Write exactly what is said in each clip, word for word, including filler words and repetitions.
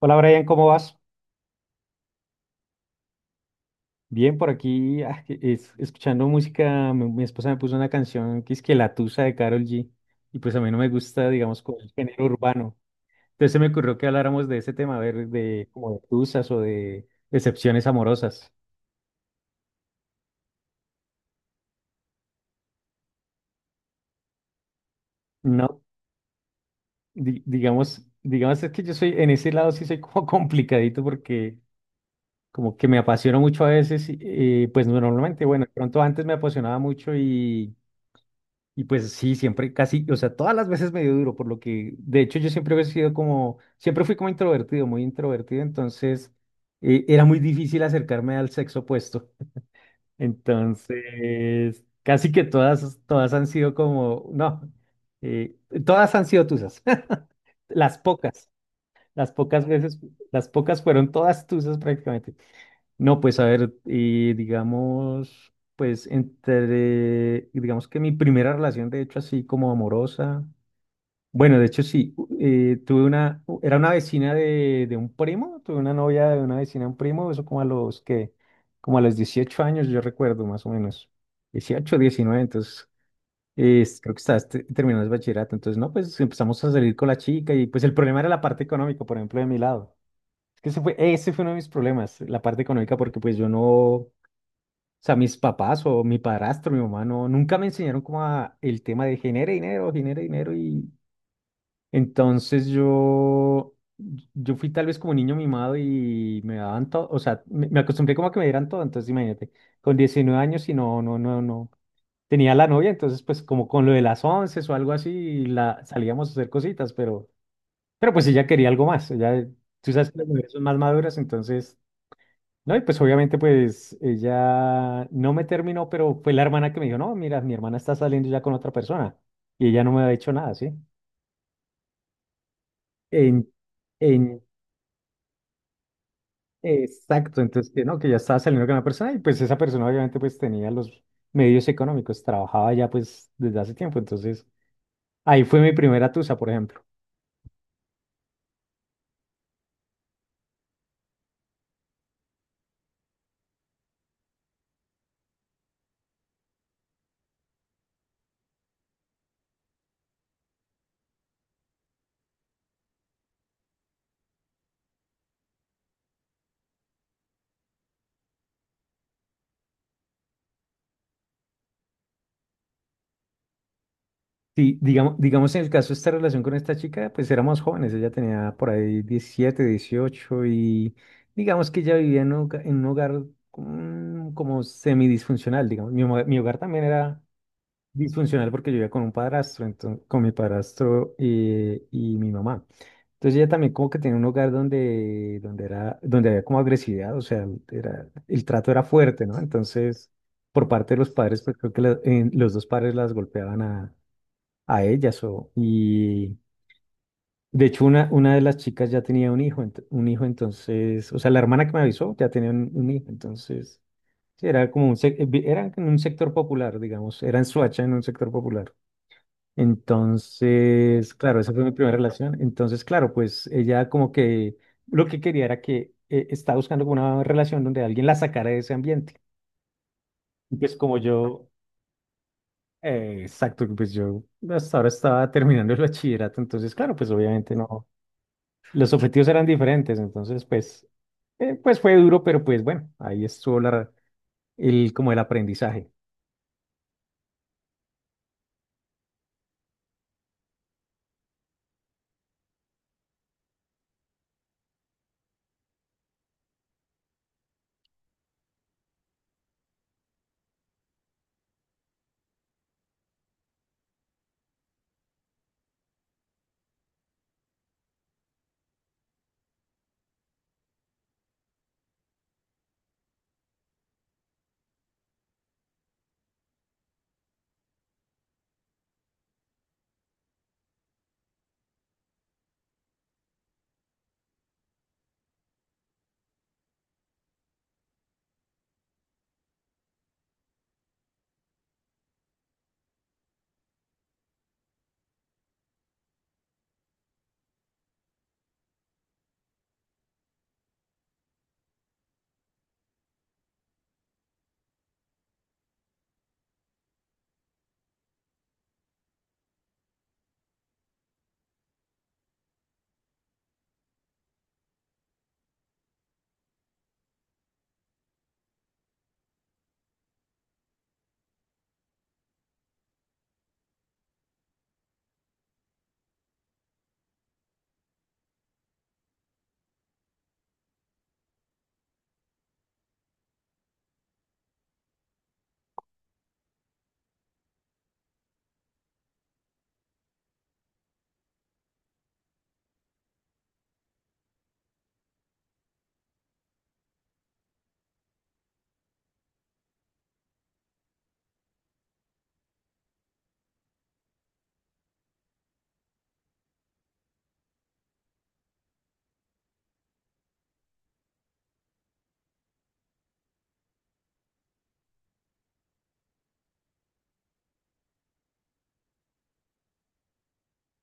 Hola Brian, ¿cómo vas? Bien, por aquí ah, que- es- escuchando música, mi, mi esposa me puso una canción que es que La Tusa de Karol G, y pues a mí no me gusta, digamos, como el género urbano. Entonces se me ocurrió que habláramos de ese tema, a ver, de como de tusas o de decepciones amorosas. No, di- digamos, digamos es que yo soy, en ese lado sí soy como complicadito, porque como que me apasiono mucho a veces, y, eh, pues no, normalmente, bueno, de pronto antes me apasionaba mucho. Y pues sí, siempre casi, o sea, todas las veces me dio duro, por lo que, de hecho, yo siempre he sido como, siempre fui como introvertido, muy introvertido. Entonces eh, era muy difícil acercarme al sexo opuesto. Entonces, casi que todas, todas han sido como no, eh, todas han sido tusas. las pocas, las pocas veces, las pocas fueron todas tusas prácticamente. No, pues a ver, eh, digamos, pues entre, digamos que mi primera relación, de hecho, así como amorosa. Bueno, de hecho sí, u- eh, tuve una, u- era una vecina de, de un primo, tuve una novia de una vecina de un primo, eso como a los que, como a los dieciocho años, yo recuerdo más o menos, dieciocho, diecinueve. Entonces eh, creo que estabas te- terminando el bachillerato. Entonces no, pues empezamos a salir con la chica, y pues el problema era la parte económica, por ejemplo, de mi lado. Es que ese fue, ese fue uno de mis problemas, la parte económica, porque pues yo no, o sea, mis papás o mi padrastro, mi mamá, no, nunca me enseñaron como a el tema de genere dinero, genere dinero. Entonces yo, yo fui tal vez como niño mimado y me daban todo, o sea, me, me acostumbré como a que me dieran todo. Entonces imagínate, con diecinueve años y no, no, no, no, tenía la novia. Entonces pues como con lo de las once o algo así, la, salíamos a hacer cositas, pero, pero pues ella quería algo más, ella, tú sabes que las mujeres son más maduras. Entonces no, y pues obviamente pues ella no me terminó, pero fue la hermana que me dijo, no, mira, mi hermana está saliendo ya con otra persona, y ella no me había dicho nada, ¿sí? En, Exacto, entonces, que, ¿no? Que ya estaba saliendo con una persona, y pues esa persona obviamente pues tenía los medios económicos, trabajaba ya pues desde hace tiempo. Entonces ahí fue mi primera tusa, por ejemplo. Sí, digamos, digamos en el caso de esta relación con esta chica, pues éramos jóvenes, ella tenía por ahí diecisiete dieciocho, y digamos que ella vivía en un, hoga- en un hogar mm, como semidisfuncional, digamos. Mi, hogar- mi hogar también era disfuncional, porque yo vivía con un padrastro, entonces, con mi padrastro eh, y mi mamá. Entonces ella también como que tenía un hogar donde, donde era, donde había como agresividad, o sea, era, el trato era fuerte, ¿no? Entonces, por parte de los padres, pues creo que la- en- los dos padres las golpeaban a a ellas. O, y de hecho, una, una de las chicas ya tenía un hijo, ent- un hijo. Entonces, o sea, la hermana que me avisó ya tenía un, un hijo. Entonces sí, era como un, sec- eh, vi- era en un sector popular, digamos, era en Soacha, en un sector popular. Entonces claro, esa fue mi primera relación. Entonces claro, pues ella como que lo que quería era que eh, estaba buscando como una relación donde alguien la sacara de ese ambiente. Y pues como yo, eh, exacto, pues yo hasta ahora estaba terminando el bachillerato. Entonces claro, pues obviamente no. Los objetivos eran diferentes, entonces pues, eh, pues fue duro, pero pues bueno, ahí estuvo la, el, como el aprendizaje.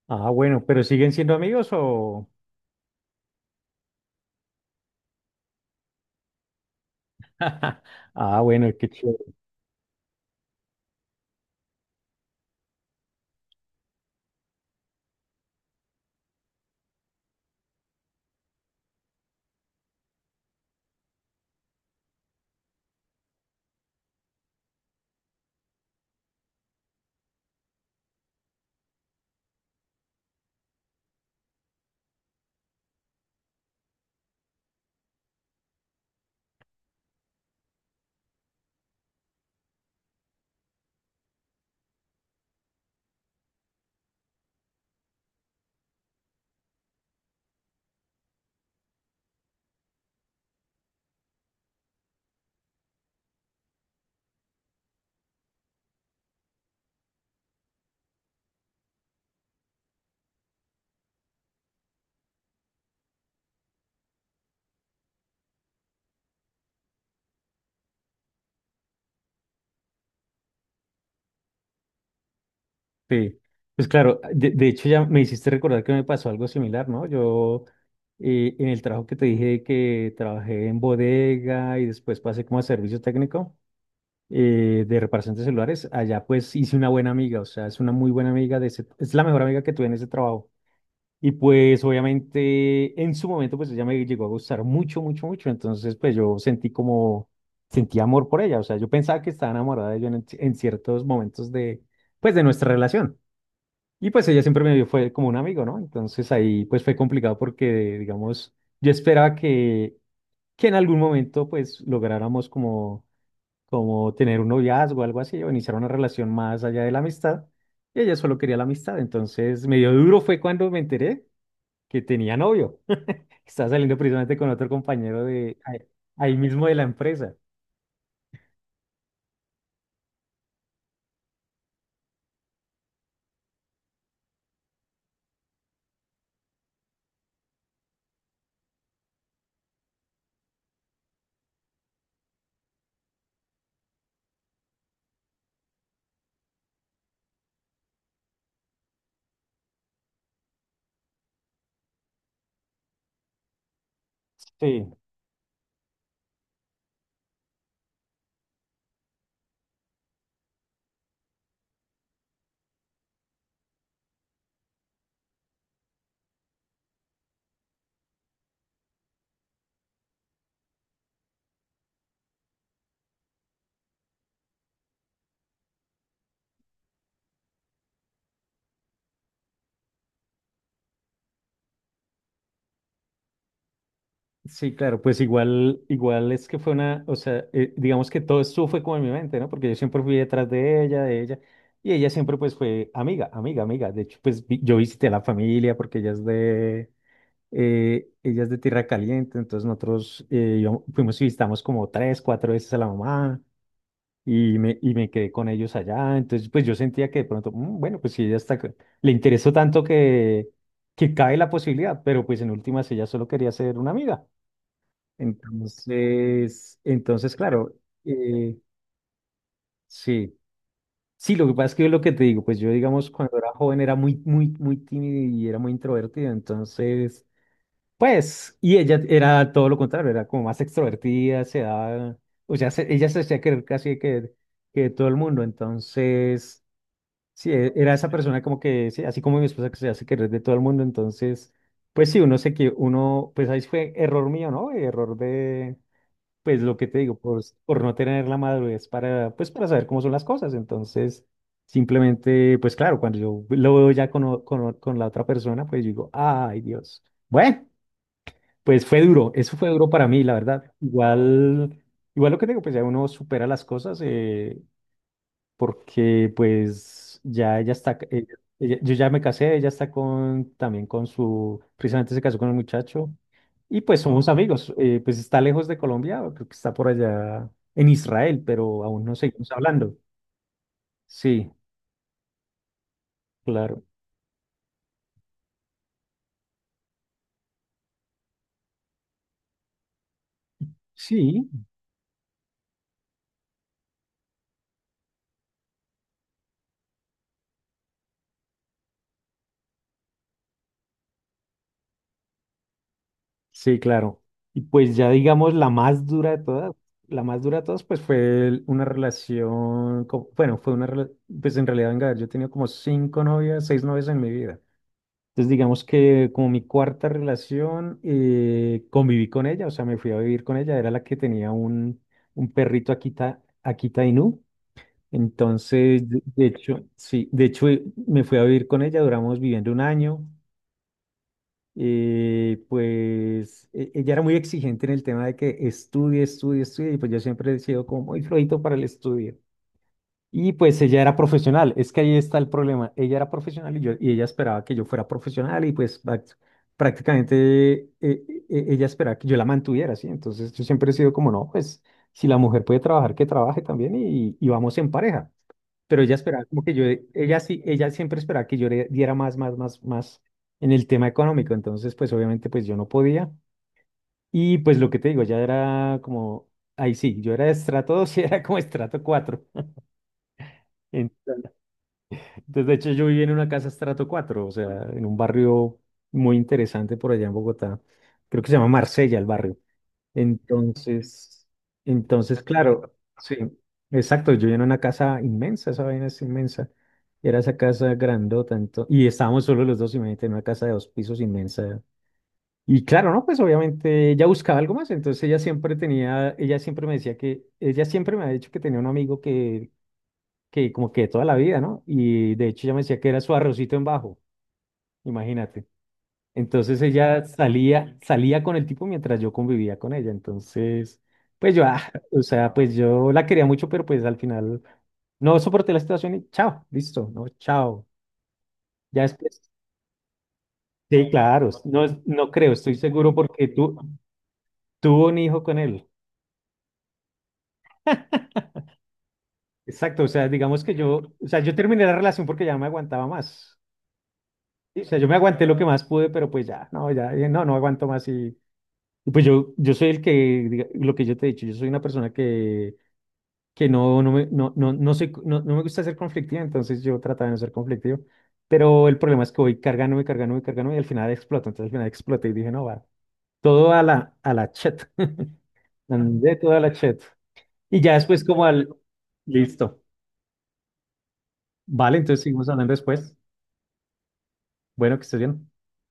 Ah, bueno, pero ¿siguen siendo amigos o...? Ah, bueno, qué chévere. Sí. Pues claro, de, de hecho ya me hiciste recordar que me pasó algo similar, ¿no? Yo eh, en el trabajo que te dije que trabajé en bodega, y después pasé como a servicio técnico eh, de reparación de celulares, allá pues hice una buena amiga, o sea, es una muy buena amiga, de ese- es la mejor amiga que tuve en ese trabajo. Y pues obviamente en su momento pues ella me llegó a gustar mucho, mucho, mucho. Entonces pues yo sentí como, sentí amor por ella. O sea, yo pensaba que estaba enamorada de ella en, en ciertos momentos de, pues de nuestra relación. Y pues ella siempre me vio, fue como un amigo, ¿no? Entonces ahí pues fue complicado porque, digamos, yo esperaba que, que en algún momento pues lográramos como, como tener un noviazgo o algo así, o iniciar una relación más allá de la amistad. Y ella solo quería la amistad. Entonces medio duro fue cuando me enteré que tenía novio. Estaba saliendo precisamente con otro compañero de ahí, ahí mismo de la empresa. Sí, sí, claro, pues igual, igual es que fue una, o sea, eh, digamos que todo esto fue como en mi mente, ¿no? Porque yo siempre fui detrás de ella, de ella, y ella siempre pues fue amiga, amiga, amiga. De hecho, pues vi- yo visité a la familia, porque ella es de, eh, ella es de Tierra Caliente. Entonces nosotros eh, íbamos- fuimos y visitamos como tres, cuatro veces a la mamá, y me, y me quedé con ellos allá. Entonces pues yo sentía que de pronto, "Mm, bueno, pues si ella está, c- le interesó tanto que, que cabe la posibilidad", pero pues en últimas ella solo quería ser una amiga. Entonces, entonces, claro, eh, sí. Sí, lo que pasa es que yo lo que te digo, pues yo, digamos, cuando era joven era muy, muy, muy tímido, y era muy introvertido. Entonces pues, y ella era todo lo contrario, era como más extrovertida, se daba, o sea, se- ella se hacía querer casi que, que todo el mundo. Entonces sí, e- era esa persona como que, sí, así como mi esposa, que se hace querer de todo el mundo. Entonces, pues sí, uno se que uno, pues ahí fue error mío, ¿no? Error de, pues lo que te digo, por, por no tener la madurez para, pues para saber cómo son las cosas. Entonces simplemente, pues claro, cuando yo lo veo ya con, o- con, o- con la otra persona, pues yo digo, ay, Dios, bueno, pues fue duro, eso fue duro para mí, la verdad. Igual, igual lo que te digo, pues ya uno supera las cosas. Eh, porque pues ya ella está, ca- ella- ella- yo ya me casé, ella está con, también con su, precisamente se casó con un muchacho, y pues somos amigos. Eh, pues está lejos de Colombia, creo que está por allá en Israel, pero aún no seguimos hablando. Sí, claro, sí, sí, claro. Y pues ya digamos la más dura de todas, la más dura de todas, pues fue el- una relación, co- bueno, fue una, rela- pues en realidad, venga, a ver, yo he tenido como cinco novias, seis novias en mi vida. Entonces, digamos que como mi cuarta relación, eh, conviví con ella, o sea, me fui a vivir con ella. Era la que tenía un, un perrito Akita, Akita Inu. Entonces, de, de hecho sí, de hecho eh, me fui a vivir con ella, duramos viviendo un año. Eh, pues e- ella era muy exigente en el tema de que estudie, estudie, estudie, y pues yo siempre he sido como muy flojito para el estudio. Y pues ella era profesional, es que ahí está el problema. Ella era profesional, y, yo, y ella esperaba que yo fuera profesional, y pues prac- prácticamente eh, eh, eh, ella esperaba que yo la mantuviera, ¿sí? Entonces yo siempre he sido como no, pues si la mujer puede trabajar, que trabaje también, y, y vamos en pareja. Pero ella esperaba como que yo, ella sí, ella siempre esperaba que yo le diera más, más, más, más en el tema económico. Entonces pues obviamente pues yo no podía. Y pues lo que te digo, ya era como, ahí sí, yo era de estrato dos y era como estrato cuatro. Entonces, de hecho, yo viví en una casa estrato cuatro, o sea, en un barrio muy interesante por allá en Bogotá. Creo que se llama Marsella el barrio. Entonces, entonces, claro, sí, exacto. Yo vivía en una casa inmensa, esa vaina es inmensa. Era esa casa grandota, ento- y estábamos solo los dos, imagínate, en una casa de dos pisos inmensa. Y claro, no, pues obviamente ella buscaba algo más, entonces ella siempre tenía, ella siempre me decía que, ella siempre me ha dicho que tenía un amigo que que como que toda la vida, ¿no? Y de hecho ella me decía que era su arrocito en bajo, imagínate. Entonces ella salía, salía con el tipo mientras yo convivía con ella. Entonces pues yo, ah, o sea, pues yo la quería mucho, pero pues al final no soporté la situación, y chao, listo, no, chao. Ya después, sí, claro, no, no creo, estoy seguro porque tú tuvo un hijo con él. Exacto, o sea, digamos que yo, o sea, yo terminé la relación porque ya no me aguantaba más. Sí, o sea, yo me aguanté lo que más pude, pero pues ya, no, ya, eh, no, no aguanto más. Y pues yo, yo soy el que, diga- lo que yo te he dicho, yo soy una persona que, que no, no me, no, no, no soy, no, no me gusta ser conflictiva. Entonces yo trataba de no ser conflictivo, pero el problema es que voy cargándome, cargándome, cargándome, y al final exploto. Entonces al final exploté y dije, no, va, todo a la, a la chat. Mandé todo a la chat. Y ya después como al, listo, vale, entonces seguimos hablando después. Bueno, que estés bien.